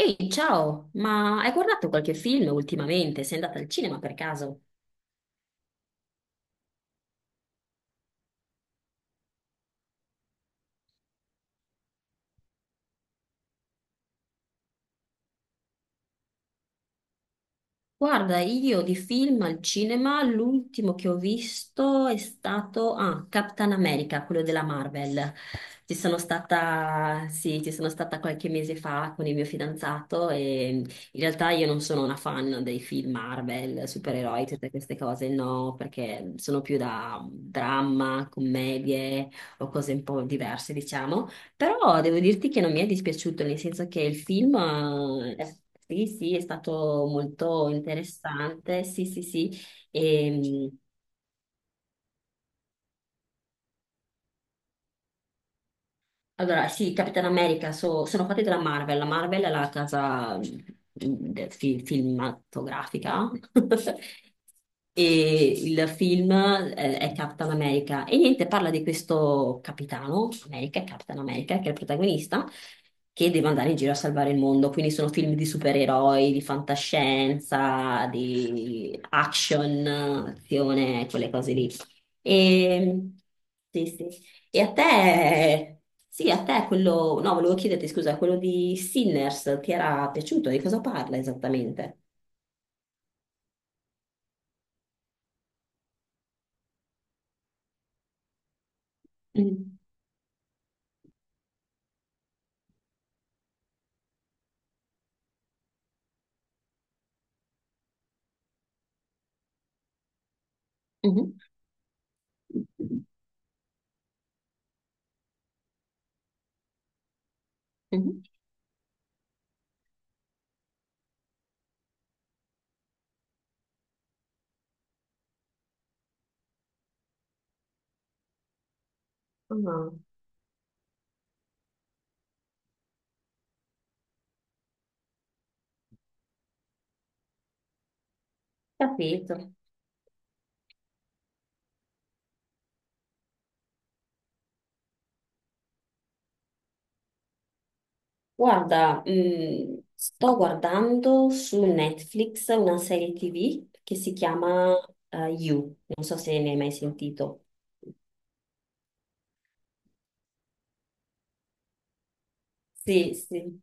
Ehi, ciao, ma hai guardato qualche film ultimamente? Sei andata al cinema per caso? Guarda, io di film al cinema, l'ultimo che ho visto è stato Captain America, quello della Marvel. Ci sono stata, sì, ci sono stata qualche mese fa con il mio fidanzato e in realtà io non sono una fan dei film Marvel, supereroi, tutte queste cose, no, perché sono più da dramma, commedie o cose un po' diverse, diciamo. Però devo dirti che non mi è dispiaciuto, nel senso che il film, sì, sì, è stato molto interessante, sì, sì, sì. E, Allora, sì, Capitan America sono fatti dalla Marvel. La Marvel è la casa cinematografica. E il film è Capitan America. E niente, parla di questo capitano America, Capitan America, che è il protagonista, che deve andare in giro a salvare il mondo. Quindi sono film di supereroi, di fantascienza, di action, azione, quelle cose lì. E, sì, sì. E a te, sì, a te quello, no, volevo chiederti scusa, quello di Sinners ti era piaciuto? Di cosa parla esattamente? Mm. Mhm, mhm. Ah, capito. Guarda, sto guardando su Netflix una serie TV che si chiama You, non so se ne hai mai sentito. Sì, sì.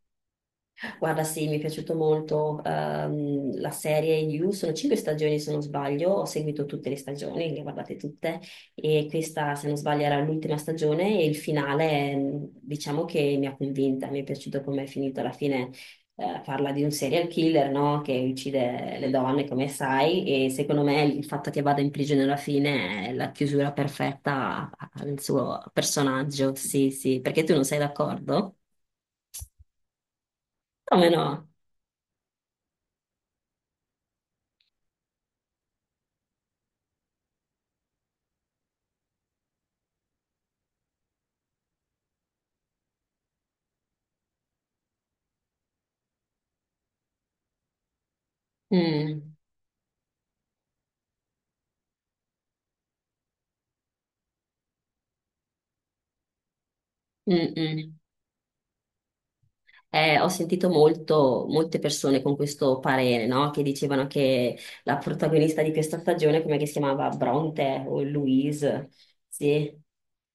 Guarda, sì, mi è piaciuto molto la serie You, sono cinque stagioni se non sbaglio, ho seguito tutte le stagioni, le ho guardate tutte e questa se non sbaglio era l'ultima stagione e il finale diciamo che mi ha convinta, mi è piaciuto come è finito alla fine, parla di un serial killer, no? Che uccide le donne come sai e secondo me il fatto che vada in prigione alla fine è la chiusura perfetta al suo personaggio, sì, sì, perché tu non sei d'accordo? Come no? Mm. Mm-mm. Ho sentito molte persone con questo parere, no? Che dicevano che la protagonista di questa stagione, come che si chiamava Bronte o Louise, sì,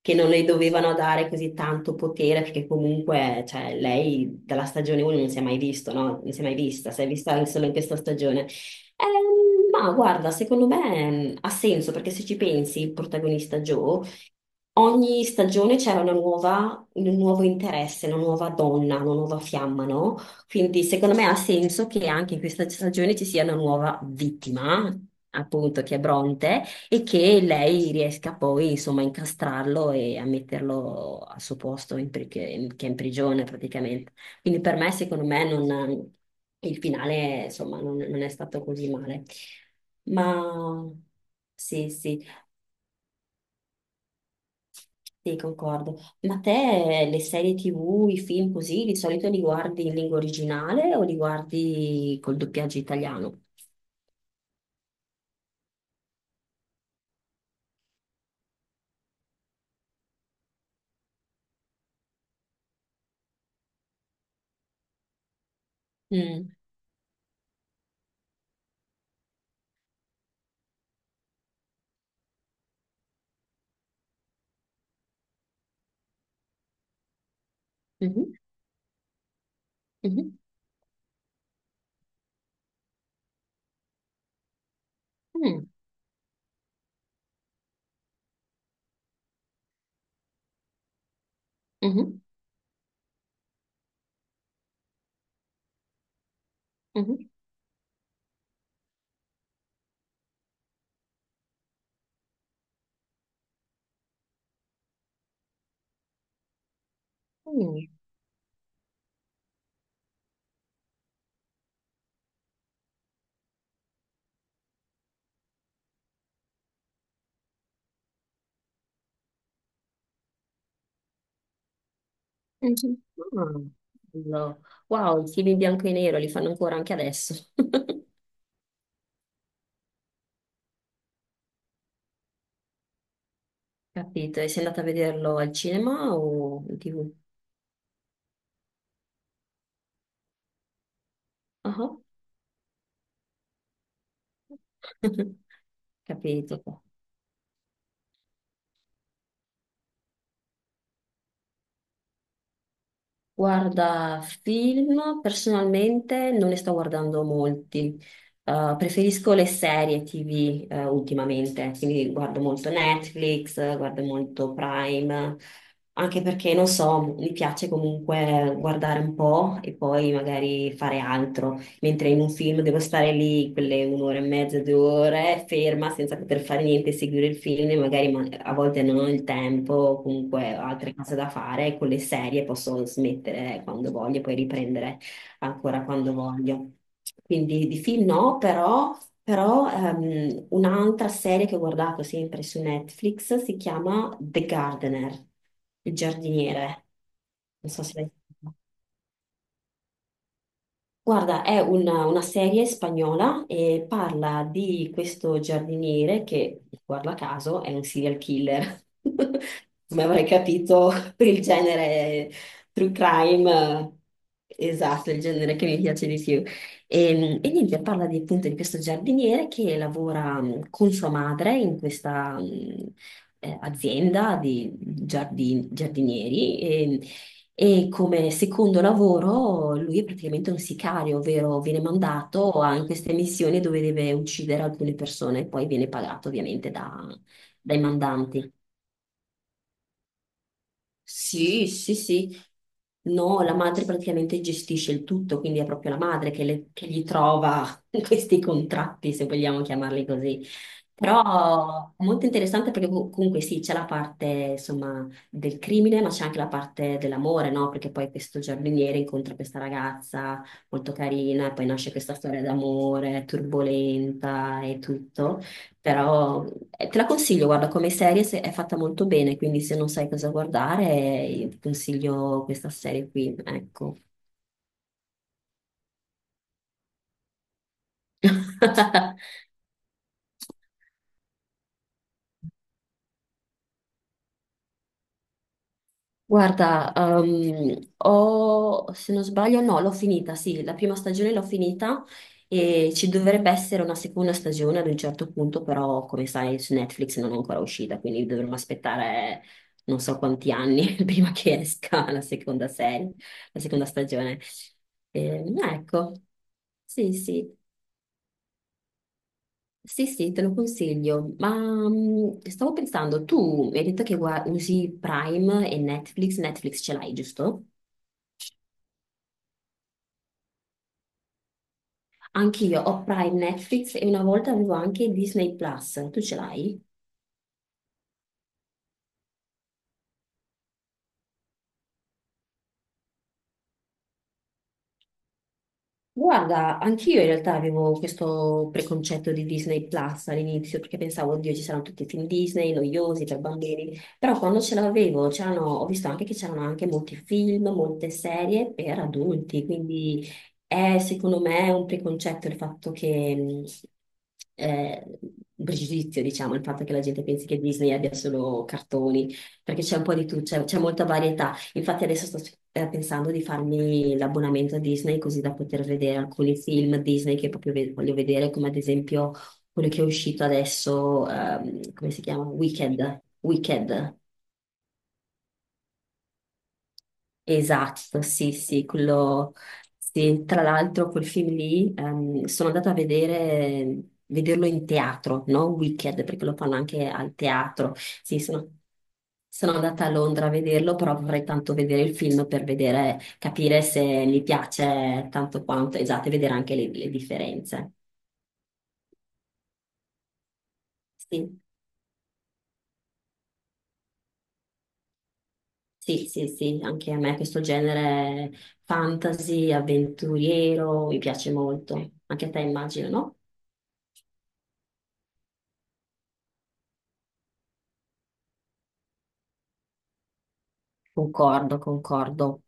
che non le dovevano dare così tanto potere perché comunque, cioè, lei dalla stagione 1 non si è mai visto, no? Non si è mai vista, si è vista solo in questa stagione. Ma guarda, secondo me ha senso perché se ci pensi, il protagonista Joe, ogni stagione c'era una nuova, un nuovo interesse, una nuova donna, una nuova fiamma, no? Quindi secondo me ha senso che anche in questa stagione ci sia una nuova vittima, appunto, che è Bronte, e che lei riesca poi, insomma, a incastrarlo e a metterlo al suo posto, in pri- che è in prigione praticamente. Quindi per me, secondo me, il finale, insomma, non è stato così male. Ma sì, sì. Sì, concordo. Ma te le serie TV, i film così, di solito li guardi in lingua originale o li guardi col doppiaggio italiano? Mm, mhm, mhm, mm, mhm, mhm, mm, mhm. Ah, bello. Wow, i film in bianco e nero li fanno ancora anche adesso. Capito? E sei andata a vederlo al cinema o in TV? Ah, ah. Capito. Guarda, film personalmente non ne sto guardando molti. Preferisco le serie TV ultimamente, quindi guardo molto Netflix, guardo molto Prime, anche perché non so, mi piace comunque guardare un po' e poi magari fare altro mentre in un film devo stare lì quelle un'ora e mezza, due ore, ferma senza poter fare niente, seguire il film, e magari a volte non ho il tempo, o comunque ho altre cose da fare, con le serie posso smettere quando voglio, poi riprendere ancora quando voglio. Quindi di film no, però un'altra serie che ho guardato sempre su Netflix si chiama The Gardener, il giardiniere. Non so se l'hai sentita. Guarda, è una serie spagnola e parla di questo giardiniere che, guarda caso, è un serial killer. Come avrei capito, per il genere true crime, esatto, il genere che mi piace di più. E niente, parla di, appunto di questo giardiniere che lavora con sua madre in questa azienda di giardinieri. E come secondo lavoro lui è praticamente un sicario, ovvero viene mandato in queste missioni dove deve uccidere alcune persone e poi viene pagato ovviamente dai mandanti. Sì, sì, sì. No, la madre praticamente gestisce il tutto, quindi è proprio la madre che gli trova questi contratti, se vogliamo chiamarli così. Però è molto interessante perché comunque sì, c'è la parte insomma del crimine, ma c'è anche la parte dell'amore, no? Perché poi questo giardiniere incontra questa ragazza molto carina e poi nasce questa storia d'amore turbolenta e tutto. Però te la consiglio, guarda, come serie è fatta molto bene, quindi se non sai cosa guardare, io ti consiglio questa serie qui, ecco. Guarda, se non sbaglio, no, l'ho finita, sì, la prima stagione l'ho finita e ci dovrebbe essere una seconda stagione ad un certo punto, però come sai su Netflix non è ancora uscita, quindi dovremmo aspettare non so quanti anni prima che esca la seconda serie, la seconda stagione. Ecco. Sì, sì, sì, sì, te lo consiglio. Ma stavo pensando, tu mi hai detto che usi Prime e Netflix, Netflix ce l'hai, giusto? Anche io ho Prime Netflix e una volta avevo anche Disney Plus, tu ce l'hai? Guarda, anch'io in realtà avevo questo preconcetto di Disney Plus all'inizio perché pensavo, oddio, ci saranno tutti i film Disney noiosi per bambini, però quando ce l'avevo c'erano, ho visto anche che c'erano anche molti film, molte serie per adulti, quindi è secondo me un preconcetto il fatto che, eh, un pregiudizio, diciamo, il fatto che la gente pensi che Disney abbia solo cartoni, perché c'è un po' di tutto, c'è molta varietà. Infatti adesso sto pensando di farmi l'abbonamento a Disney così da poter vedere alcuni film Disney che proprio voglio vedere, come ad esempio quello che è uscito adesso, come si chiama? Wicked. Wicked. Esatto, sì, sì, quello, sì. Tra l'altro quel film lì sono andata a vedere, vederlo in teatro, non Wicked, perché lo fanno anche al teatro. Sì, sono andata a Londra a vederlo, però vorrei tanto vedere il film per vedere, capire se mi piace tanto quanto, esatto, e vedere anche le differenze. Sì, sì, sì, sì, anche a me questo genere fantasy, avventuriero, mi piace molto. Anche a te immagino, no? Concordo, concordo.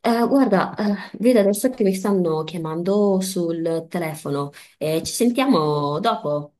Guarda, vedo adesso che mi stanno chiamando sul telefono. Ci sentiamo dopo.